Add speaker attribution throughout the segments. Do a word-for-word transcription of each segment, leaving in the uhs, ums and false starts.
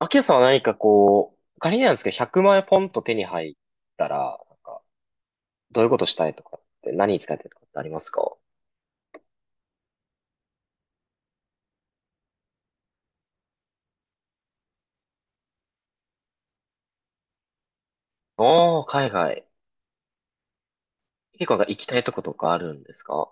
Speaker 1: アキラさんは何かこう、仮になんですけど、ひゃくまん円ポンと手に入ったら、なんか、どういうことしたいとかって何に使いたいとかってありますか？おー、海外。結構なんか行きたいとことかあるんですか？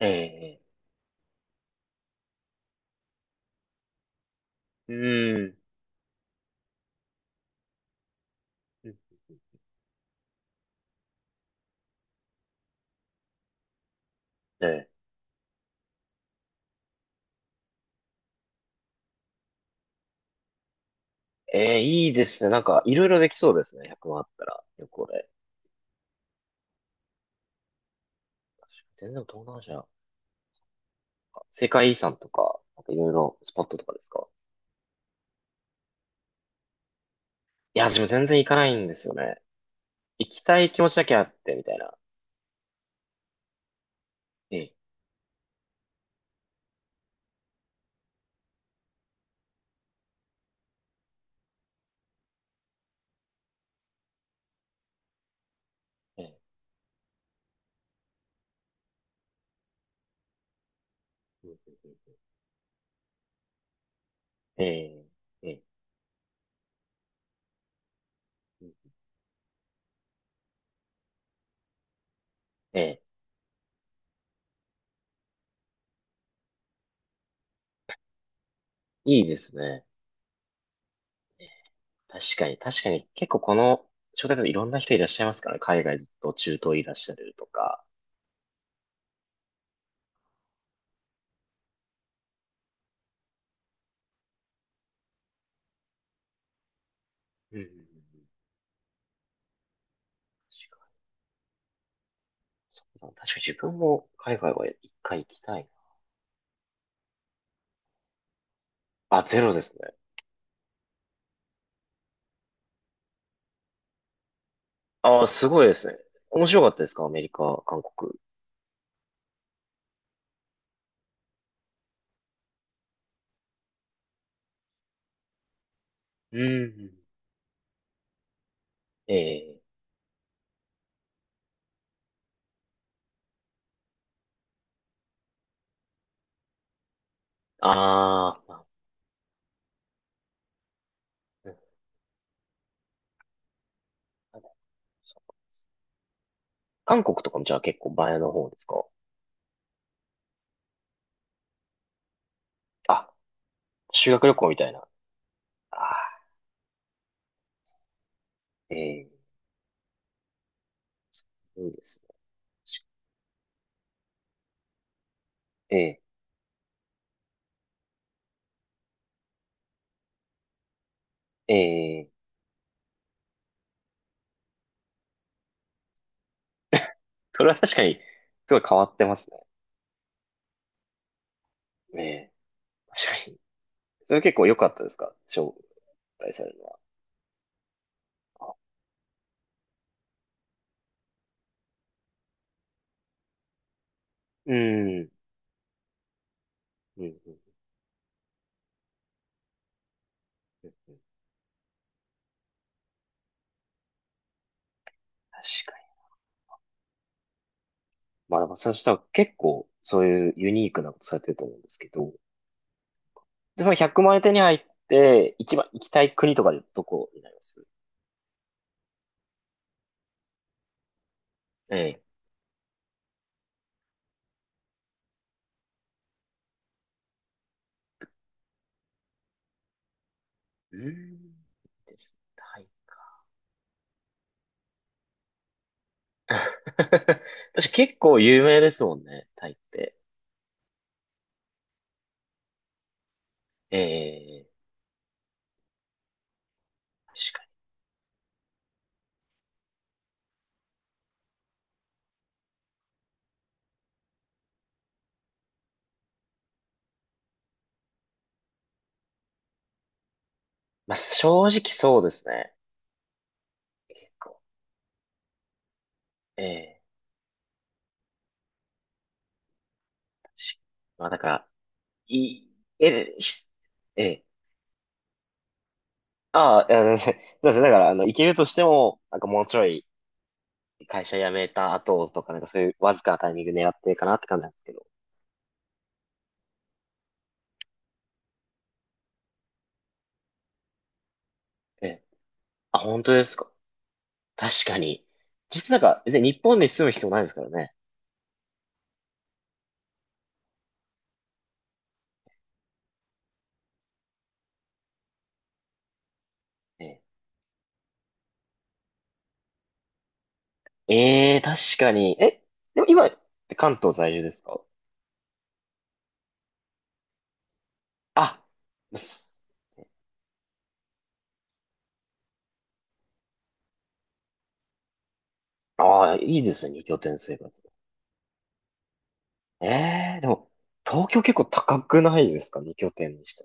Speaker 1: ええ、うん。ええええいいですね。なんか、いろいろできそうですね。ひゃくまんあったら、旅行で。全然東南アジアなんか、世界遺産とか、なんかいろいろスポットとかですか？いや、自分全然行かないんですよね。行きたい気持ちだけあって、みたいな。ええええうんうんうんええええええ、いいですね。確かに、確かに、結構この、招待といろんな人いらっしゃいますからね。海外ずっと中東いらっしゃるとか。うんうんうんうん、確かに、確かに自分も海外はいっかい行きたいな。あ、ゼロですね。ああ、すごいですね。面白かったですかアメリカ、韓国？うんうんええ、あーまあ、うん、韓国とかもじゃあ結構前の方ですか？あ、修学旅行みたいな。ああ、ええ、いいですね。ええ、ええ。それは確かに、すごい変わってますね。ねえ。確かに。それ結構良かったですか、招待されるのは？あうん。うん。うん。うんうん、確かに。まあでも、そしたら結構、そういうユニークなことされてると思うんですけど。で、そのひゃくまん円手に入って、一番行きたい国とかでどこになります？ええ。うん。ですタイ。私結構有名ですもんね、タイって。ええ。確かに。まあ正直そうですね。結構。ええ。しまあ、だから、い、え、しええ、ああ、いや、全然、そうですね。だから、あの、行けるとしても、なんかもうちょい会社辞めた後とか、なんかそういうわずかなタイミング狙ってるかなって感じなんですけど。ええ。あ、本当ですか。確かに。実はなんか、別に日本に住む必要ないですからね。ええ、ええ、確かに。え、でも今って関東在住ですか？あ、すああ、いいですね、二拠点生活。ええ、でも、東京結構高くないですか、二拠点にして？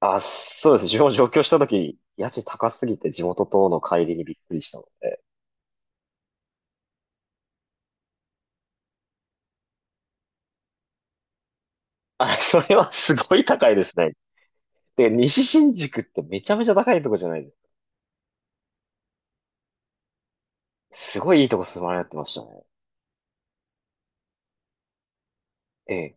Speaker 1: あ、そうですね。自分も上京した時に、家賃高すぎて地元との乖離にびっくりしたので。あ、それはすごい高いですね。で、西新宿ってめちゃめちゃ高いとこじゃないです。すごいいいとこ住まれてましたね。ええ、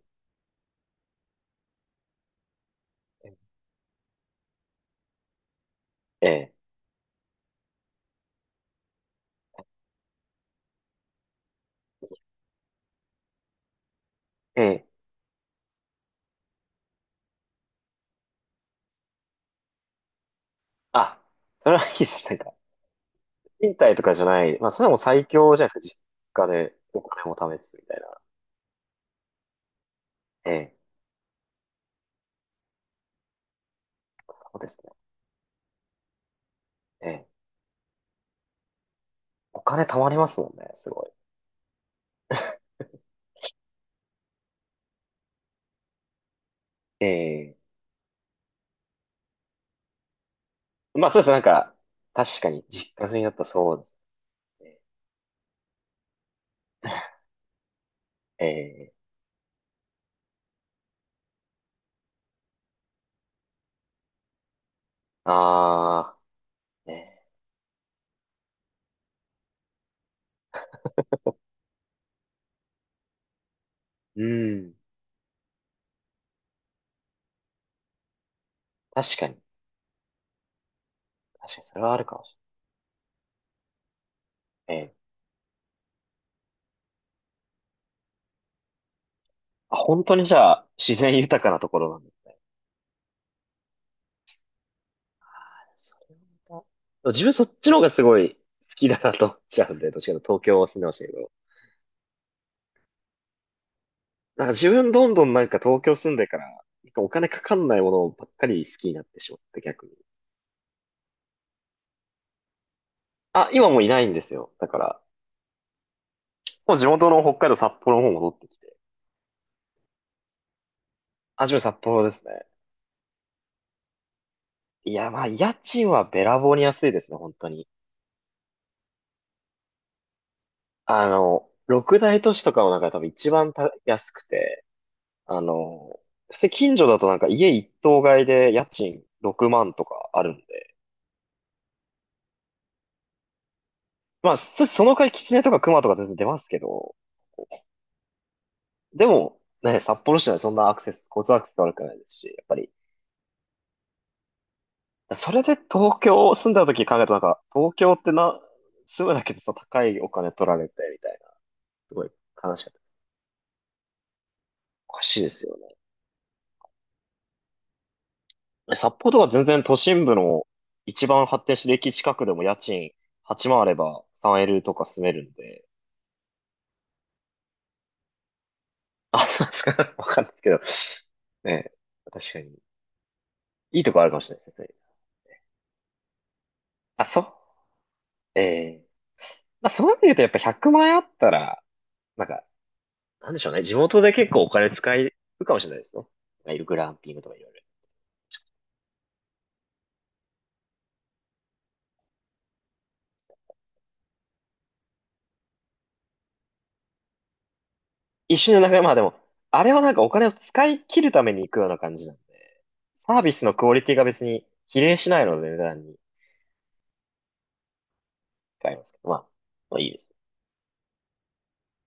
Speaker 1: ええ、ええ。あ、それはいいです。なんか、賃貸とかじゃない。まあ、それも最強じゃないですか。実家でお金も貯めつつみたいな。ええ、そうですね。ええ。お金貯まりますもんね。すごい。ええ。まあ、そうです。なんか、確かに実家住みだったらそうですね。ええ、ああー、ね、うん。確かに。確かに、それはあるかもしれない。ええ、あ、本当にじゃあ、自然豊かなところなんだ。それもまた自分そっちの方がすごい好きだなと思っちゃうんで、どっちかというと東京を住んでましたけど。なんか自分どんどんなんか東京住んでから、なんかお金かかんないものばっかり好きになってしまって逆に。あ、今もういないんですよ。だから、もう地元の北海道札幌の方戻ってきて。あ、自分札幌ですね。いや、まあ、家賃はべらぼうに安いですね、本当に。あの、六大都市とかの中で多分一番た安くて、あの、普通近所だとなんか家一棟買いで家賃ろくまんとかあるんで、まあ、そその代わりキツネとかクマとか全然出ますけど、でもね、札幌市内そんなアクセス、交通アクセス悪くないですし、やっぱり、それで東京住んだ時考えるとなんか、東京ってな、住むだけでさ、高いお金取られてみたいな、すごい悲しかった。おかしいですよね。え札幌とか全然都心部の一番発展してる駅近くでも家賃はちまんあれば スリーエル とか住めるんで。あ、そうですか。わかんないですけど。ねえ、確かに。いいとこあるかもしれないですね。あ、そう。ええ、まあ、そういう意味で言うとやっぱひゃくまん円あったら、なんか、なんでしょうね。地元で結構お金使えるかもしれないですね。いるグランピングとかいろいろ。一瞬でなんか、まあでも、あれはなんかお金を使い切るために行くような感じなんで。サービスのクオリティが別に比例しないので、値段に。回あますけど、まあ、まあいいです。